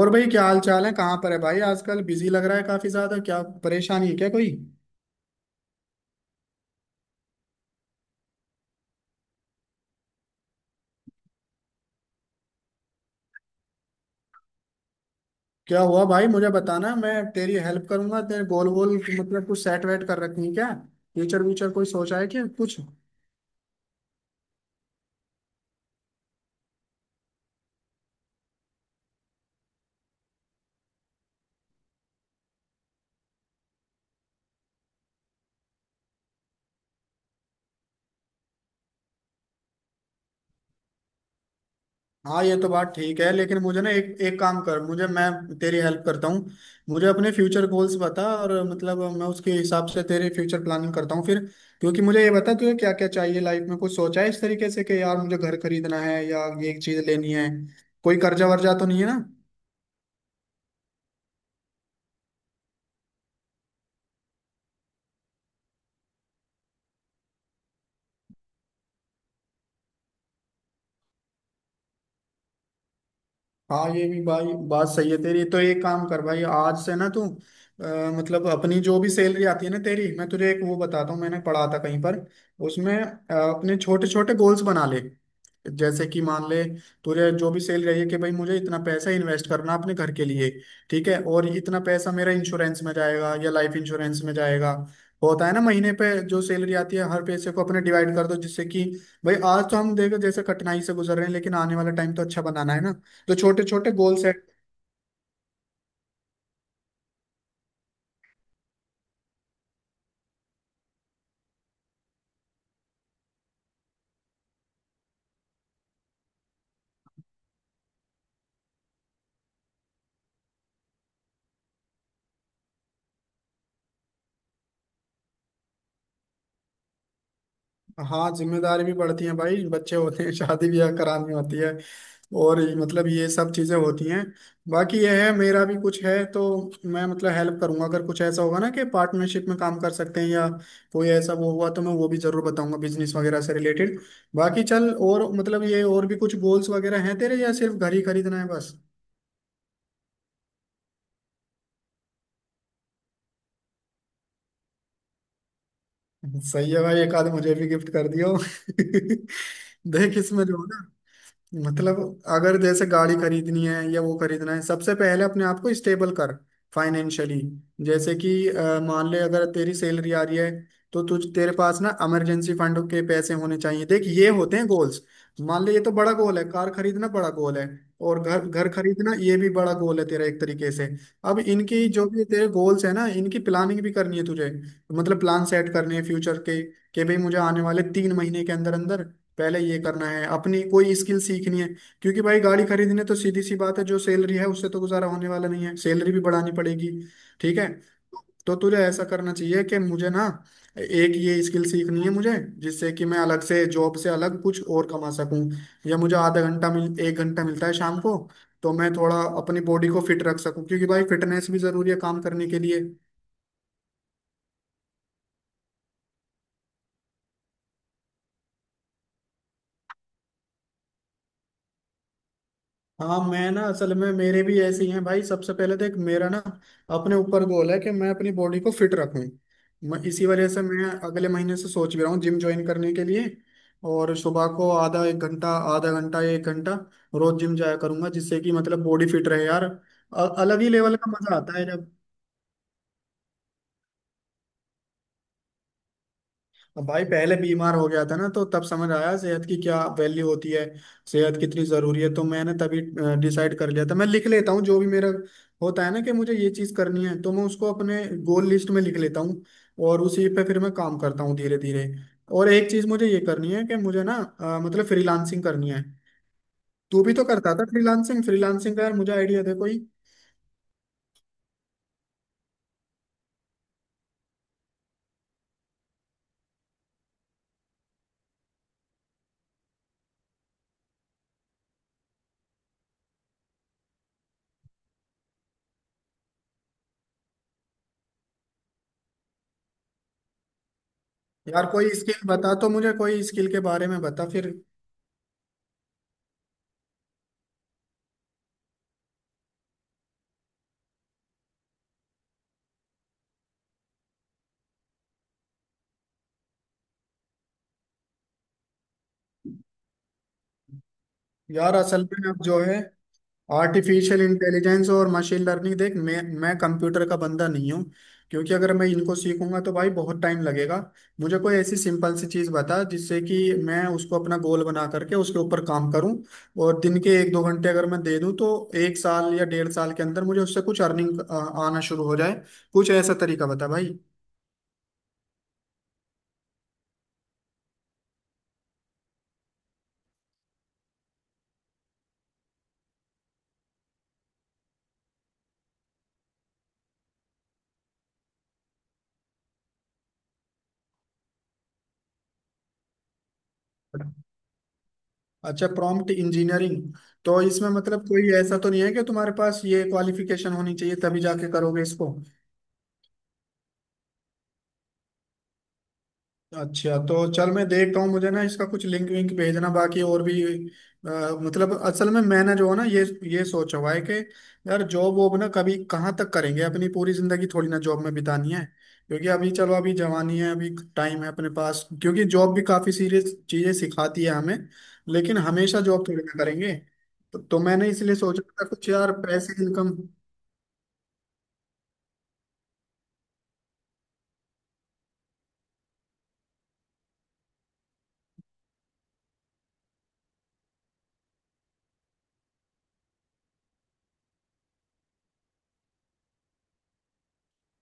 और भाई क्या हाल चाल है। कहाँ पर है भाई। आजकल बिजी लग रहा है काफी ज्यादा। क्या परेशानी है क्या कोई? क्या हुआ भाई मुझे बताना, मैं तेरी हेल्प करूंगा। तेरे गोल गोल मतलब कुछ सेट वेट कर रखी है क्या? फ्यूचर व्यूचर कोई सोचा है क्या कुछ? हाँ ये तो बात ठीक है, लेकिन मुझे ना एक एक काम कर। मुझे मैं तेरी हेल्प करता हूँ। मुझे अपने फ्यूचर गोल्स बता और मतलब मैं उसके हिसाब से तेरे फ्यूचर प्लानिंग करता हूँ फिर। क्योंकि मुझे ये बता तुझे क्या क्या चाहिए लाइफ में। कुछ सोचा है इस तरीके से कि यार मुझे घर खरीदना है या ये चीज लेनी है? कोई कर्जा वर्जा तो नहीं है ना? हाँ ये भी भाई बात सही है तेरी। तो एक काम कर भाई, आज से ना तू मतलब अपनी जो भी सैलरी आती है ना तेरी, मैं तुझे एक वो बताता हूँ, मैंने पढ़ा था कहीं पर। उसमें अपने छोटे छोटे गोल्स बना ले। जैसे कि मान ले, तुझे जो भी सेल रही है कि भाई मुझे इतना पैसा इन्वेस्ट करना अपने घर के लिए। ठीक है, और इतना पैसा मेरा इंश्योरेंस में जाएगा या लाइफ इंश्योरेंस में जाएगा। होता है ना, महीने पे जो सैलरी आती है हर पैसे को अपने डिवाइड कर दो, जिससे कि भाई आज तो हम देखो जैसे कठिनाई से गुजर रहे हैं, लेकिन आने वाला टाइम तो अच्छा बनाना है ना। तो छोटे छोटे गोल सेट। हाँ जिम्मेदारी भी बढ़ती है भाई, बच्चे होते हैं, शादी ब्याह करानी होती है। और मतलब ये सब चीजें होती हैं। बाकी यह है, मेरा भी कुछ है तो मैं मतलब हेल्प करूंगा अगर कुछ ऐसा होगा ना कि पार्टनरशिप में काम कर सकते हैं या कोई ऐसा वो हुआ तो मैं वो भी जरूर बताऊंगा बिजनेस वगैरह से रिलेटेड। बाकी चल, और मतलब ये और भी कुछ गोल्स वगैरह हैं तेरे या सिर्फ घर ही खरीदना है बस? सही है भाई, एक आध मुझे भी गिफ्ट कर दियो। देख इसमें जो है ना, मतलब अगर जैसे गाड़ी खरीदनी है या वो खरीदना है, सबसे पहले अपने आप को स्टेबल कर, फाइनेंशियली। जैसे कि मान ले अगर तेरी सैलरी आ रही है तो तुझ तेरे पास ना इमरजेंसी फंड के पैसे होने चाहिए। देख ये होते हैं गोल्स। मान ले, ये तो बड़ा गोल है, कार खरीदना बड़ा गोल है। और घर घर खरीदना ये भी बड़ा गोल है तेरा एक तरीके से। अब इनकी जो भी तेरे गोल्स है ना, इनकी प्लानिंग भी करनी है तुझे। मतलब प्लान सेट करने हैं फ्यूचर के कि भाई मुझे आने वाले 3 महीने के अंदर अंदर पहले ये करना है, अपनी कोई स्किल सीखनी है। क्योंकि भाई गाड़ी खरीदने तो सीधी सी बात है, जो सैलरी है उससे तो गुजारा होने वाला नहीं है, सैलरी भी बढ़ानी पड़ेगी। ठीक है। तो तुझे ऐसा करना चाहिए कि मुझे ना एक ये स्किल सीखनी है मुझे, जिससे कि मैं अलग से जॉब से अलग कुछ और कमा सकूं। या मुझे आधा घंटा मिल एक घंटा मिलता है शाम को, तो मैं थोड़ा अपनी बॉडी को फिट रख सकूं, क्योंकि भाई फिटनेस भी जरूरी है काम करने के लिए। हाँ मैं ना असल में मेरे भी ऐसे ही हैं भाई। सबसे पहले देख, मेरा ना अपने ऊपर गोल है कि मैं अपनी बॉडी को फिट रखूं। मैं इसी वजह से मैं अगले महीने से सोच भी रहा हूँ जिम ज्वाइन करने के लिए। और सुबह को आधा घंटा एक घंटा रोज जिम जाया करूंगा, जिससे कि मतलब बॉडी फिट रहे। यार अलग ही लेवल का मजा आता है जब। अब भाई पहले बीमार हो गया था ना तो तब समझ आया सेहत की क्या वैल्यू होती है, सेहत कितनी जरूरी है। तो मैंने तभी डिसाइड कर लिया था, मैं लिख लेता हूँ जो भी मेरा होता है ना कि मुझे ये चीज करनी है तो मैं उसको अपने गोल लिस्ट में लिख लेता हूँ, और उसी पे फिर मैं काम करता हूँ धीरे धीरे। और एक चीज मुझे ये करनी है कि मुझे ना मतलब फ्रीलांसिंग करनी है। तू भी तो करता था फ्रीलांसिंग। फ्रीलांसिंग का यार मुझे आइडिया दे कोई। यार कोई स्किल बता तो, मुझे कोई स्किल के बारे में बता फिर। यार असल में अब जो है, आर्टिफिशियल इंटेलिजेंस और मशीन लर्निंग, देख मैं कंप्यूटर का बंदा नहीं हूँ। क्योंकि अगर मैं इनको सीखूंगा तो भाई बहुत टाइम लगेगा। मुझे कोई ऐसी सिंपल सी चीज़ बता, जिससे कि मैं उसको अपना गोल बना करके उसके ऊपर काम करूँ। और दिन के एक दो घंटे अगर मैं दे दूँ तो एक साल या डेढ़ साल के अंदर मुझे उससे कुछ अर्निंग आना शुरू हो जाए। कुछ ऐसा तरीका बता भाई। अच्छा, प्रॉम्प्ट इंजीनियरिंग। तो इसमें मतलब कोई ऐसा तो नहीं है कि तुम्हारे पास ये क्वालिफिकेशन होनी चाहिए तभी जाके करोगे इसको? अच्छा, तो चल मैं देखता हूँ, मुझे ना इसका कुछ लिंक विंक भेजना। बाकी और भी अ, मतलब असल में मैंने जो है ना ये सोचा हुआ है कि यार जॉब वॉब ना कभी कहाँ तक करेंगे, अपनी पूरी जिंदगी थोड़ी ना जॉब में बितानी है। क्योंकि अभी चलो अभी जवानी है, अभी टाइम है अपने पास, क्योंकि जॉब भी काफी सीरियस चीजें सिखाती है हमें। लेकिन हमेशा जॉब थोड़ी ना करेंगे। तो मैंने इसलिए सोचा था कुछ यार पैसे इनकम।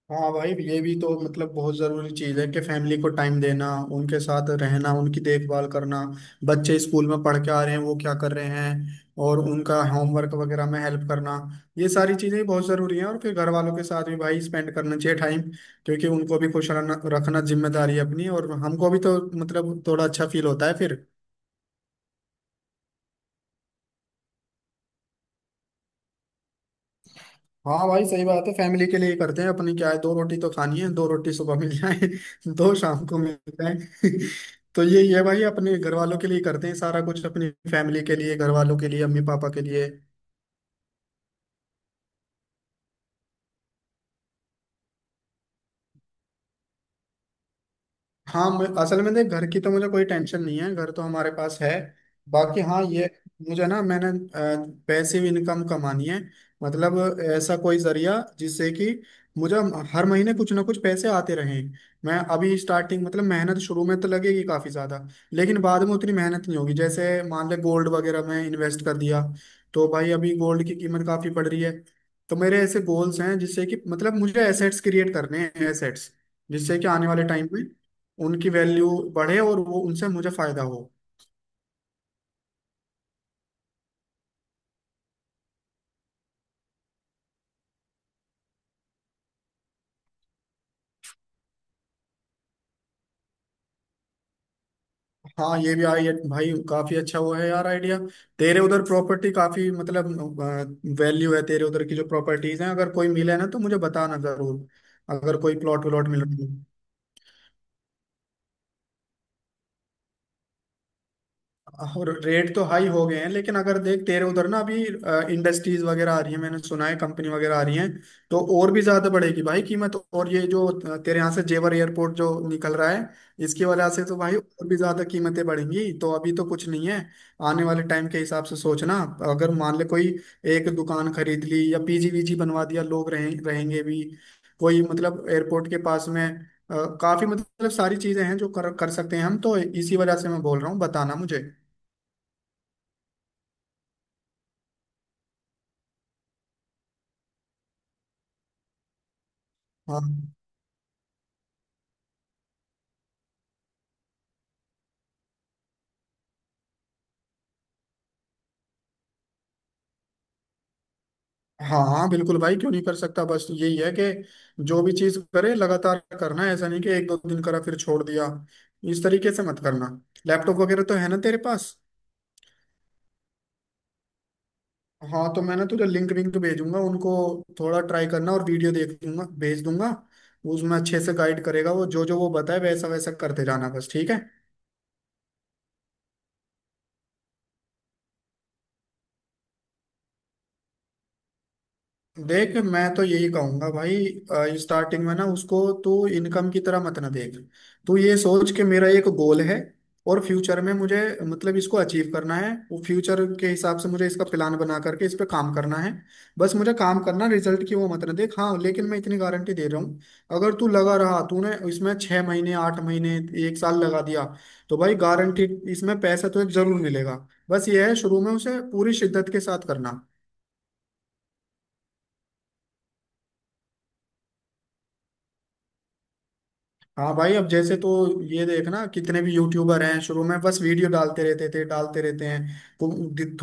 हाँ भाई ये भी तो मतलब बहुत ज़रूरी चीज़ है कि फैमिली को टाइम देना, उनके साथ रहना, उनकी देखभाल करना। बच्चे स्कूल में पढ़ के आ रहे हैं वो क्या कर रहे हैं, और उनका होमवर्क वगैरह में हेल्प करना। ये सारी चीज़ें बहुत ज़रूरी हैं। और फिर घर वालों के साथ भी भाई स्पेंड करना चाहिए टाइम, क्योंकि उनको भी खुश रहना रखना जिम्मेदारी है अपनी, और हमको भी तो मतलब थोड़ा अच्छा फील होता है फिर। हाँ भाई सही बात है, फैमिली के लिए ही करते हैं अपनी। क्या है, दो रोटी तो खानी है, दो रोटी सुबह मिल जाए दो शाम को मिल जाए। तो ये भाई अपने घर वालों के लिए ही करते हैं सारा कुछ, अपनी फैमिली के लिए, घर वालों के लिए, अम्मी पापा के लिए। हाँ असल में देख घर की तो मुझे कोई टेंशन नहीं है, घर तो हमारे पास है। बाकी हाँ ये, मुझे ना मैंने पैसिव इनकम कमानी है। मतलब ऐसा कोई जरिया जिससे कि मुझे हर महीने कुछ ना कुछ पैसे आते रहें। मैं अभी स्टार्टिंग मतलब मेहनत शुरू में तो लगेगी काफी ज्यादा, लेकिन बाद में उतनी मेहनत नहीं होगी। जैसे मान ले गोल्ड वगैरह में इन्वेस्ट कर दिया, तो भाई अभी गोल्ड की कीमत काफी बढ़ रही है। तो मेरे ऐसे गोल्स हैं जिससे कि मतलब मुझे एसेट्स क्रिएट करने हैं, एसेट्स, जिससे कि आने वाले टाइम में उनकी वैल्यू बढ़े और वो उनसे मुझे फायदा हो। हाँ ये भी आई भाई काफी अच्छा वो है यार आइडिया। तेरे उधर प्रॉपर्टी काफी मतलब वैल्यू है, तेरे उधर की जो प्रॉपर्टीज हैं, अगर कोई मिले ना तो मुझे बताना जरूर, अगर कोई प्लॉट व्लॉट मिल रहा है। और रेट तो हाई हो गए हैं, लेकिन अगर देख तेरे उधर ना अभी इंडस्ट्रीज वगैरह आ रही है, मैंने सुना है कंपनी वगैरह आ रही है। तो और भी ज्यादा बढ़ेगी भाई कीमत। और ये जो तेरे यहाँ से जेवर एयरपोर्ट जो निकल रहा है, इसकी वजह से तो भाई और भी ज्यादा कीमतें बढ़ेंगी। तो अभी तो कुछ नहीं है, आने वाले टाइम के हिसाब से सोचना। अगर मान ले कोई एक दुकान खरीद ली, या पीजी वीजी बनवा दिया, लोग रहें रहेंगे भी, कोई मतलब एयरपोर्ट के पास में। काफी मतलब सारी चीजें हैं जो कर कर सकते हैं हम, तो इसी वजह से मैं बोल रहा हूँ बताना मुझे। हाँ हाँ हाँ, बिल्कुल भाई क्यों नहीं कर सकता। बस यही है कि जो भी चीज करे लगातार करना है, ऐसा नहीं कि एक दो दिन करा फिर छोड़ दिया। इस तरीके से मत करना। लैपटॉप वगैरह तो है ना तेरे पास? हाँ तो मैं ना तुझे लिंक विंक भेजूंगा उनको। थोड़ा ट्राई करना, और वीडियो देख दूंगा भेज दूंगा, उसमें अच्छे से गाइड करेगा वो, जो जो वो बताए वैसा वैसा करते जाना बस। ठीक है। देख मैं तो यही कहूंगा भाई, स्टार्टिंग में ना उसको तू इनकम की तरह मत ना देख। तू ये सोच के मेरा एक गोल है, और फ्यूचर में मुझे मतलब इसको अचीव करना है, वो फ्यूचर के हिसाब से मुझे इसका प्लान बना करके इस पे काम करना है। बस मुझे काम करना, रिजल्ट की वो मत ना देख। हाँ लेकिन मैं इतनी गारंटी दे रहा हूँ, अगर तू लगा रहा, तूने इसमें 6 महीने 8 महीने 1 साल लगा दिया तो भाई गारंटी, इसमें पैसा तो जरूर मिलेगा। बस ये है शुरू में उसे पूरी शिद्दत के साथ करना। हाँ भाई अब जैसे तो ये देखना कितने भी यूट्यूबर हैं शुरू में बस वीडियो डालते रहते हैं, तो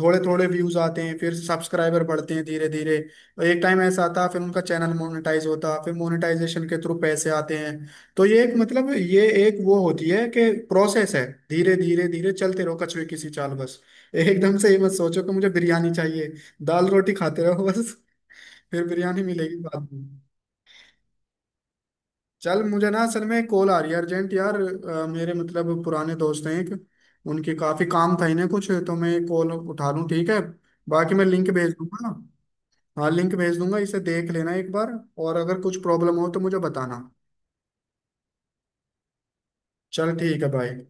थोड़े थोड़े व्यूज आते हैं, फिर सब्सक्राइबर बढ़ते हैं धीरे धीरे। और एक टाइम ऐसा आता फिर उनका चैनल मोनेटाइज होता, फिर मोनेटाइजेशन के थ्रू पैसे आते हैं। तो ये एक मतलब ये एक वो होती है कि प्रोसेस है, धीरे धीरे धीरे चलते रहो कछुए की सी चाल बस। एकदम से ये मत सोचो कि मुझे बिरयानी चाहिए, दाल रोटी खाते रहो बस, फिर बिरयानी मिलेगी बाद में। चल मुझे ना असल में कॉल आ रही है अर्जेंट यार। मेरे मतलब पुराने दोस्त हैं एक, उनके काफी काम था इन्हें कुछ, तो मैं कॉल उठा लूँ ठीक है? बाकी मैं लिंक भेज दूंगा। हाँ लिंक भेज दूंगा, इसे देख लेना एक बार, और अगर कुछ प्रॉब्लम हो तो मुझे बताना। चल ठीक है भाई।